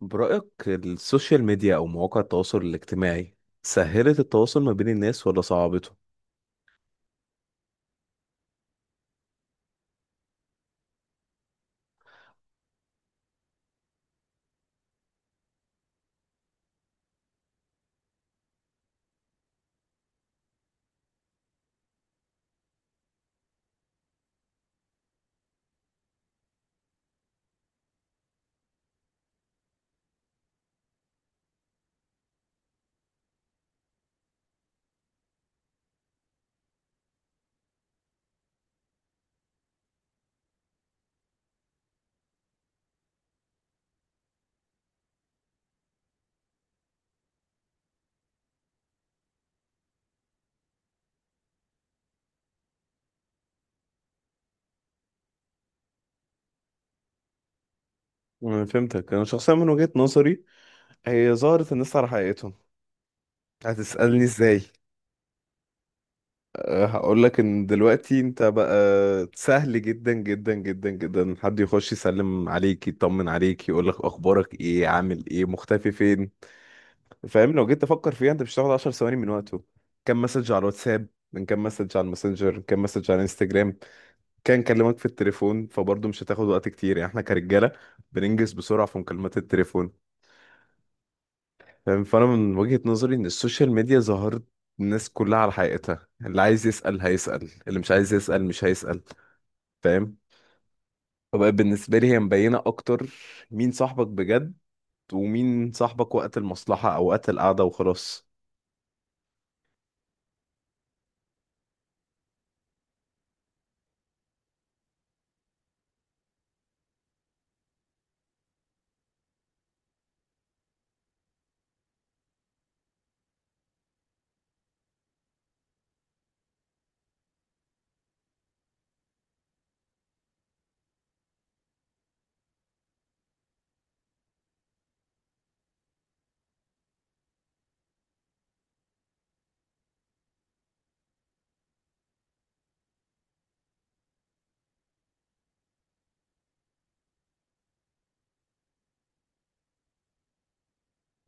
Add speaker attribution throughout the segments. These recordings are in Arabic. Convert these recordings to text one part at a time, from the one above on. Speaker 1: برأيك السوشيال ميديا أو مواقع التواصل الاجتماعي سهلت التواصل ما بين الناس ولا صعبته؟ أنا فهمتك. أنا شخصيا من وجهة نظري هي ظهرت الناس على حقيقتهم. هتسألني إزاي؟ أه هقولك إن دلوقتي أنت بقى سهل جدا جدا جدا جدا حد يخش يسلم عليك، يطمن عليك، يقولك أخبارك إيه، عامل إيه، مختفي فين. فاهم؟ لو جيت تفكر فيها أنت مش هتاخد 10 ثواني من وقته. كم مسج على الواتساب، من كام مسج على الماسنجر، كام مسج على الانستجرام. كان كلمك في التليفون فبرضه مش هتاخد وقت كتير، يعني احنا كرجاله بننجز بسرعه في مكالمات التليفون. فاهم؟ فانا من وجهه نظري ان السوشيال ميديا ظهرت الناس كلها على حقيقتها. اللي عايز يسال هيسال، اللي مش عايز يسال مش هيسال. فاهم؟ فبقى بالنسبه لي هي مبينه اكتر مين صاحبك بجد، ومين صاحبك وقت المصلحه او وقت القعده وخلاص.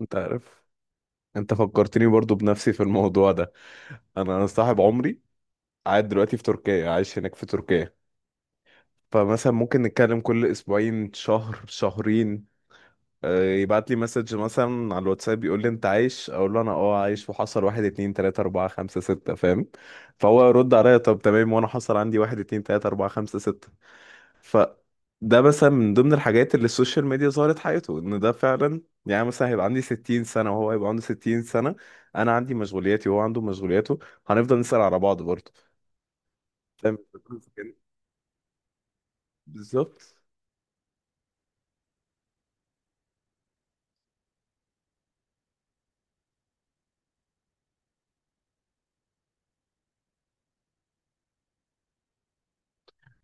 Speaker 1: انت عارف، انت فكرتني برضه بنفسي في الموضوع ده. انا صاحب عمري قاعد دلوقتي في تركيا، عايش هناك في تركيا. فمثلا ممكن نتكلم كل اسبوعين، شهر، شهرين. يبعت لي مسج مثلا على الواتساب يقول لي انت عايش، اقول له انا اه عايش وحصل واحد اتنين تلاتة اربعة خمسة ستة. فاهم؟ فهو يرد عليا طب تمام، وانا حصل عندي واحد اتنين تلاتة اربعة خمسة ستة. ف ده مثلا من ضمن الحاجات اللي السوشيال ميديا ظهرت حياته ان ده فعلا. يعني مثلا هيبقى عندي 60 سنة وهو هيبقى عنده 60 سنة. انا عندي مشغولياتي وهو عنده مشغولياته. هنفضل نسأل على بعض برضه. فاهم؟ بالظبط.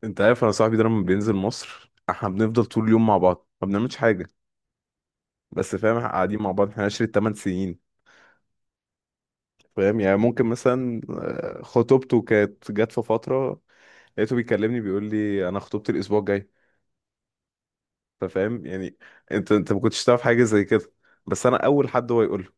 Speaker 1: انت عارف، انا صاحبي ده لما بينزل مصر احنا بنفضل طول اليوم مع بعض، ما بنعملش حاجه. بس فاهم، احنا قاعدين مع بعض، احنا عشرة 8 سنين. فاهم يعني؟ ممكن مثلا خطوبته كانت جت في فتره، لقيته بيكلمني بيقول لي انا خطوبتي الاسبوع الجاي. فاهم يعني؟ انت ما كنتش تعرف حاجه زي كده، بس انا اول حد هو يقول له.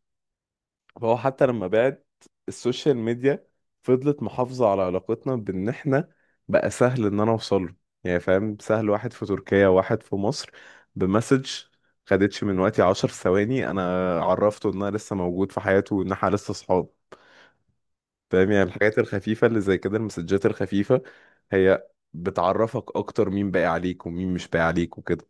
Speaker 1: فهو حتى لما بعد السوشيال ميديا فضلت محافظة على علاقتنا، بان احنا بقى سهل ان انا اوصل له. يعني فاهم، سهل واحد في تركيا، واحد في مصر بمسج، خدتش من وقتي 10 ثواني. انا عرفته ان انا لسه موجود في حياته وان احنا لسه صحاب. فاهم يعني؟ الحاجات الخفيفة اللي زي كده، المسجات الخفيفة، هي بتعرفك اكتر مين باقي عليك ومين مش باقي عليك وكده.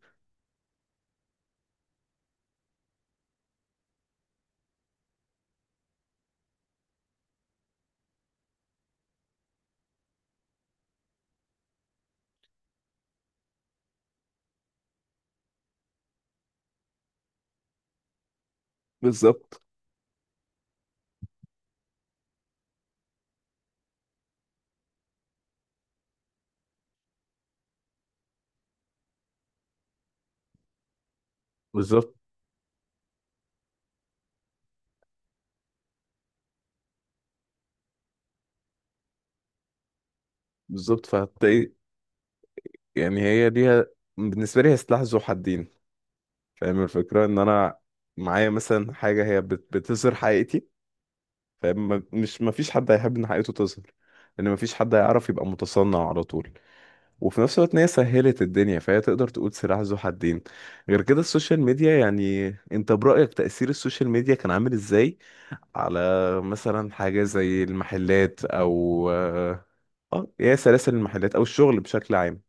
Speaker 1: بالظبط، بالظبط، بالظبط. فهتلاقي، يعني هي ليها، بالنسبة لي هي سلاح ذو حدين. فاهم الفكرة؟ ان انا معايا مثلا حاجة هي بتظهر حقيقتي. فاهم؟ مش مفيش حد هيحب ان حقيقته تظهر، لان مفيش حد هيعرف يبقى متصنع على طول. وفي نفس الوقت ان هي سهلت الدنيا، فهي تقدر تقول سلاح ذو حدين. غير كده السوشيال ميديا، يعني انت برأيك تأثير السوشيال ميديا كان عامل ازاي على مثلا حاجة زي المحلات او اه آه، هي سلاسل المحلات او الشغل بشكل عام؟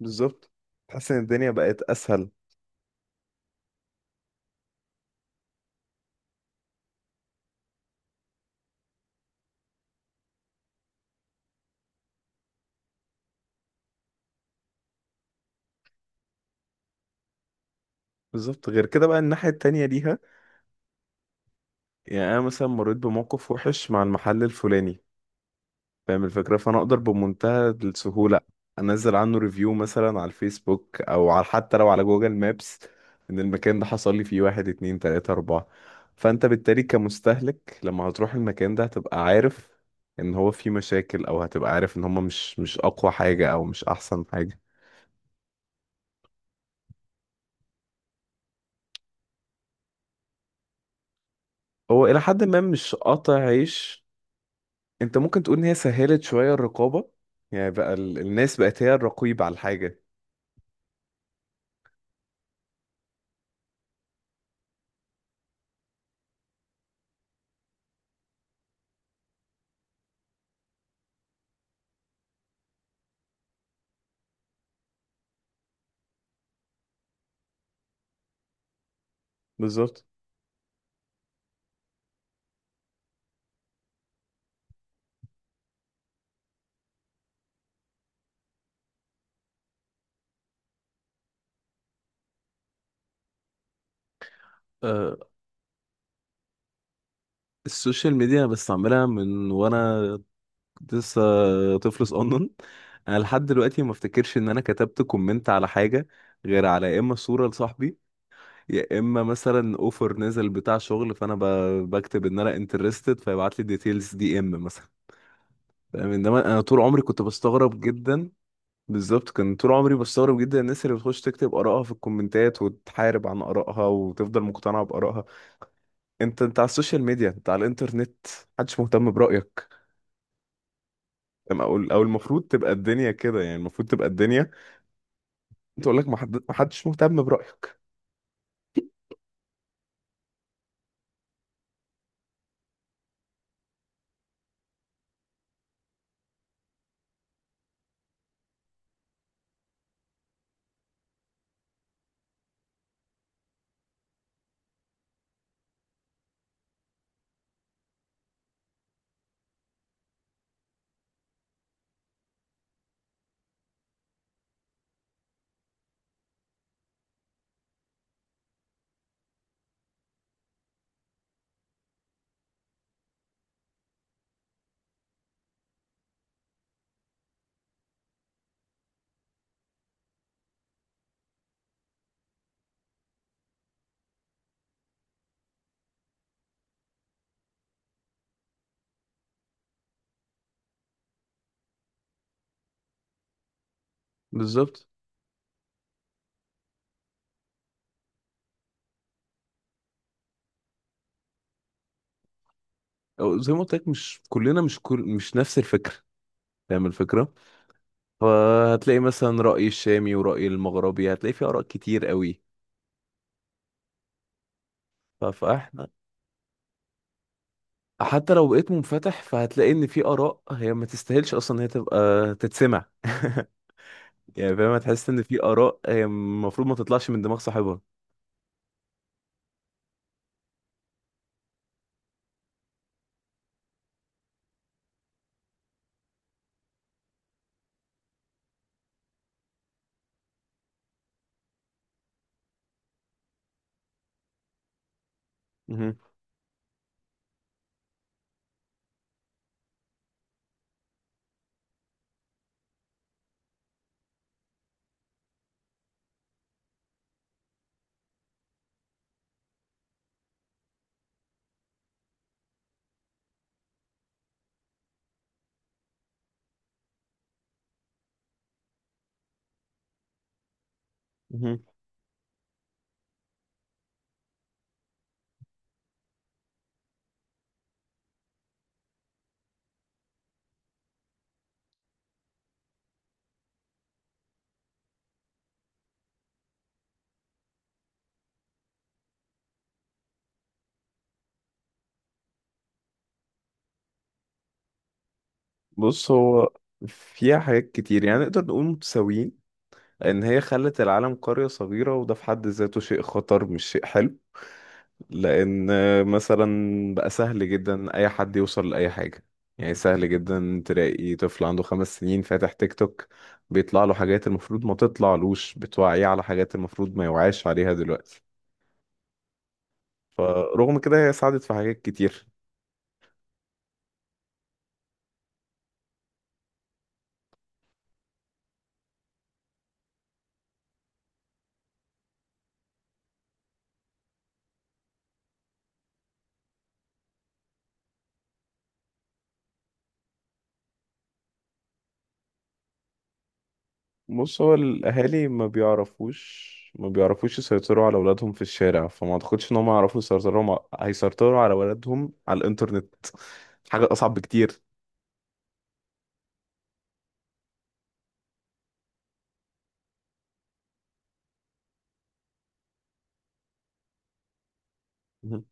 Speaker 1: بالظبط. تحس ان الدنيا بقت اسهل. بالظبط. غير كده بقى الناحية التانية ليها، يعني انا مثلا مريت بموقف وحش مع المحل الفلاني. فاهم الفكره؟ فانا اقدر بمنتهى السهوله انزل عنه ريفيو مثلا على الفيسبوك او على حتى لو على جوجل مابس ان المكان ده حصل لي فيه واحد اتنين تلاته اربعه. فانت بالتالي كمستهلك لما هتروح المكان ده هتبقى عارف ان هو فيه مشاكل، او هتبقى عارف ان هما مش اقوى حاجه او مش احسن حاجه. هو الى حد ما مش قاطع عيش. انت ممكن تقول ان هي سهلت شويه الرقابه، يعني بقى الناس بقت هي الرقيب على الحاجه. بالظبط. آه، السوشيال ميديا بستعملها من وانا لسه طفل صغنن. انا لحد دلوقتي ما افتكرش ان انا كتبت كومنت على حاجه، غير على يا اما صوره لصاحبي، يا اما مثلا اوفر نزل بتاع شغل فانا بكتب ان انا انترستد فيبعت لي ديتيلز دي ام مثلا. فاهم؟ انما انا طول عمري كنت بستغرب جدا. بالظبط. كان طول عمري بستغرب جدا الناس اللي بتخش تكتب آرائها في الكومنتات وتحارب عن آرائها وتفضل مقتنعة بآرائها. انت على السوشيال ميديا، انت على الانترنت، محدش مهتم برأيك. أما اقول، او المفروض تبقى الدنيا كده، يعني المفروض تبقى الدنيا. انت اقول لك محدش مهتم برأيك. بالظبط. أو زي ما قلت لك، مش كلنا، مش كل، مش نفس الفكرة. فاهم الفكرة؟ فهتلاقي مثلا رأي الشامي ورأي المغربي، هتلاقي في آراء كتير قوي. فاحنا حتى لو بقيت منفتح فهتلاقي ان في آراء هي ما تستاهلش اصلا ان هي تبقى تتسمع. يعني فاهم، هتحس ان في آراء هي المفروض ما تطلعش من دماغ صاحبها. مهم. مهم. بص، هو فيها حاجات كتير، يعني نقدر نقول متساويين. لأن هي خلت العالم قرية صغيرة، وده في حد ذاته شيء خطر مش شيء حلو. لأن مثلا بقى سهل جدا أي حد يوصل لأي حاجة. يعني سهل جدا تلاقي طفل عنده 5 سنين فاتح تيك توك، بيطلع له حاجات المفروض ما تطلعلوش، بتوعيه على حاجات المفروض ما يوعاش عليها دلوقتي. فرغم كده هي ساعدت في حاجات كتير. بص، هو الاهالي ما بيعرفوش يسيطروا على اولادهم في الشارع، فما اعتقدش ان هم يعرفوا يسيطروا هيسيطروا على اولادهم على الانترنت، حاجه اصعب بكتير. مهم.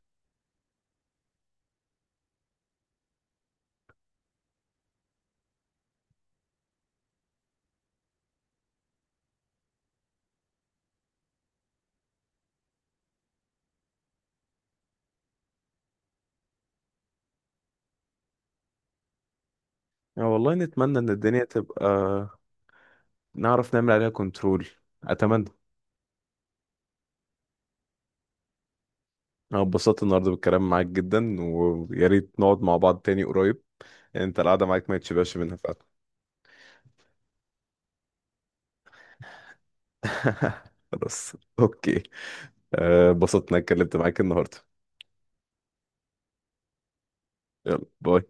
Speaker 1: يعني والله نتمنى ان الدنيا تبقى نعرف نعمل عليها كنترول، اتمنى. انا اتبسطت النهارده بالكلام معاك جدا، ويا ريت نقعد مع بعض تاني قريب. يعني انت القعده معاك ما يتشبعش منها فعلا. خلاص. اوكي. اتبسطت اني اتكلمت معاك النهارده. يلا باي.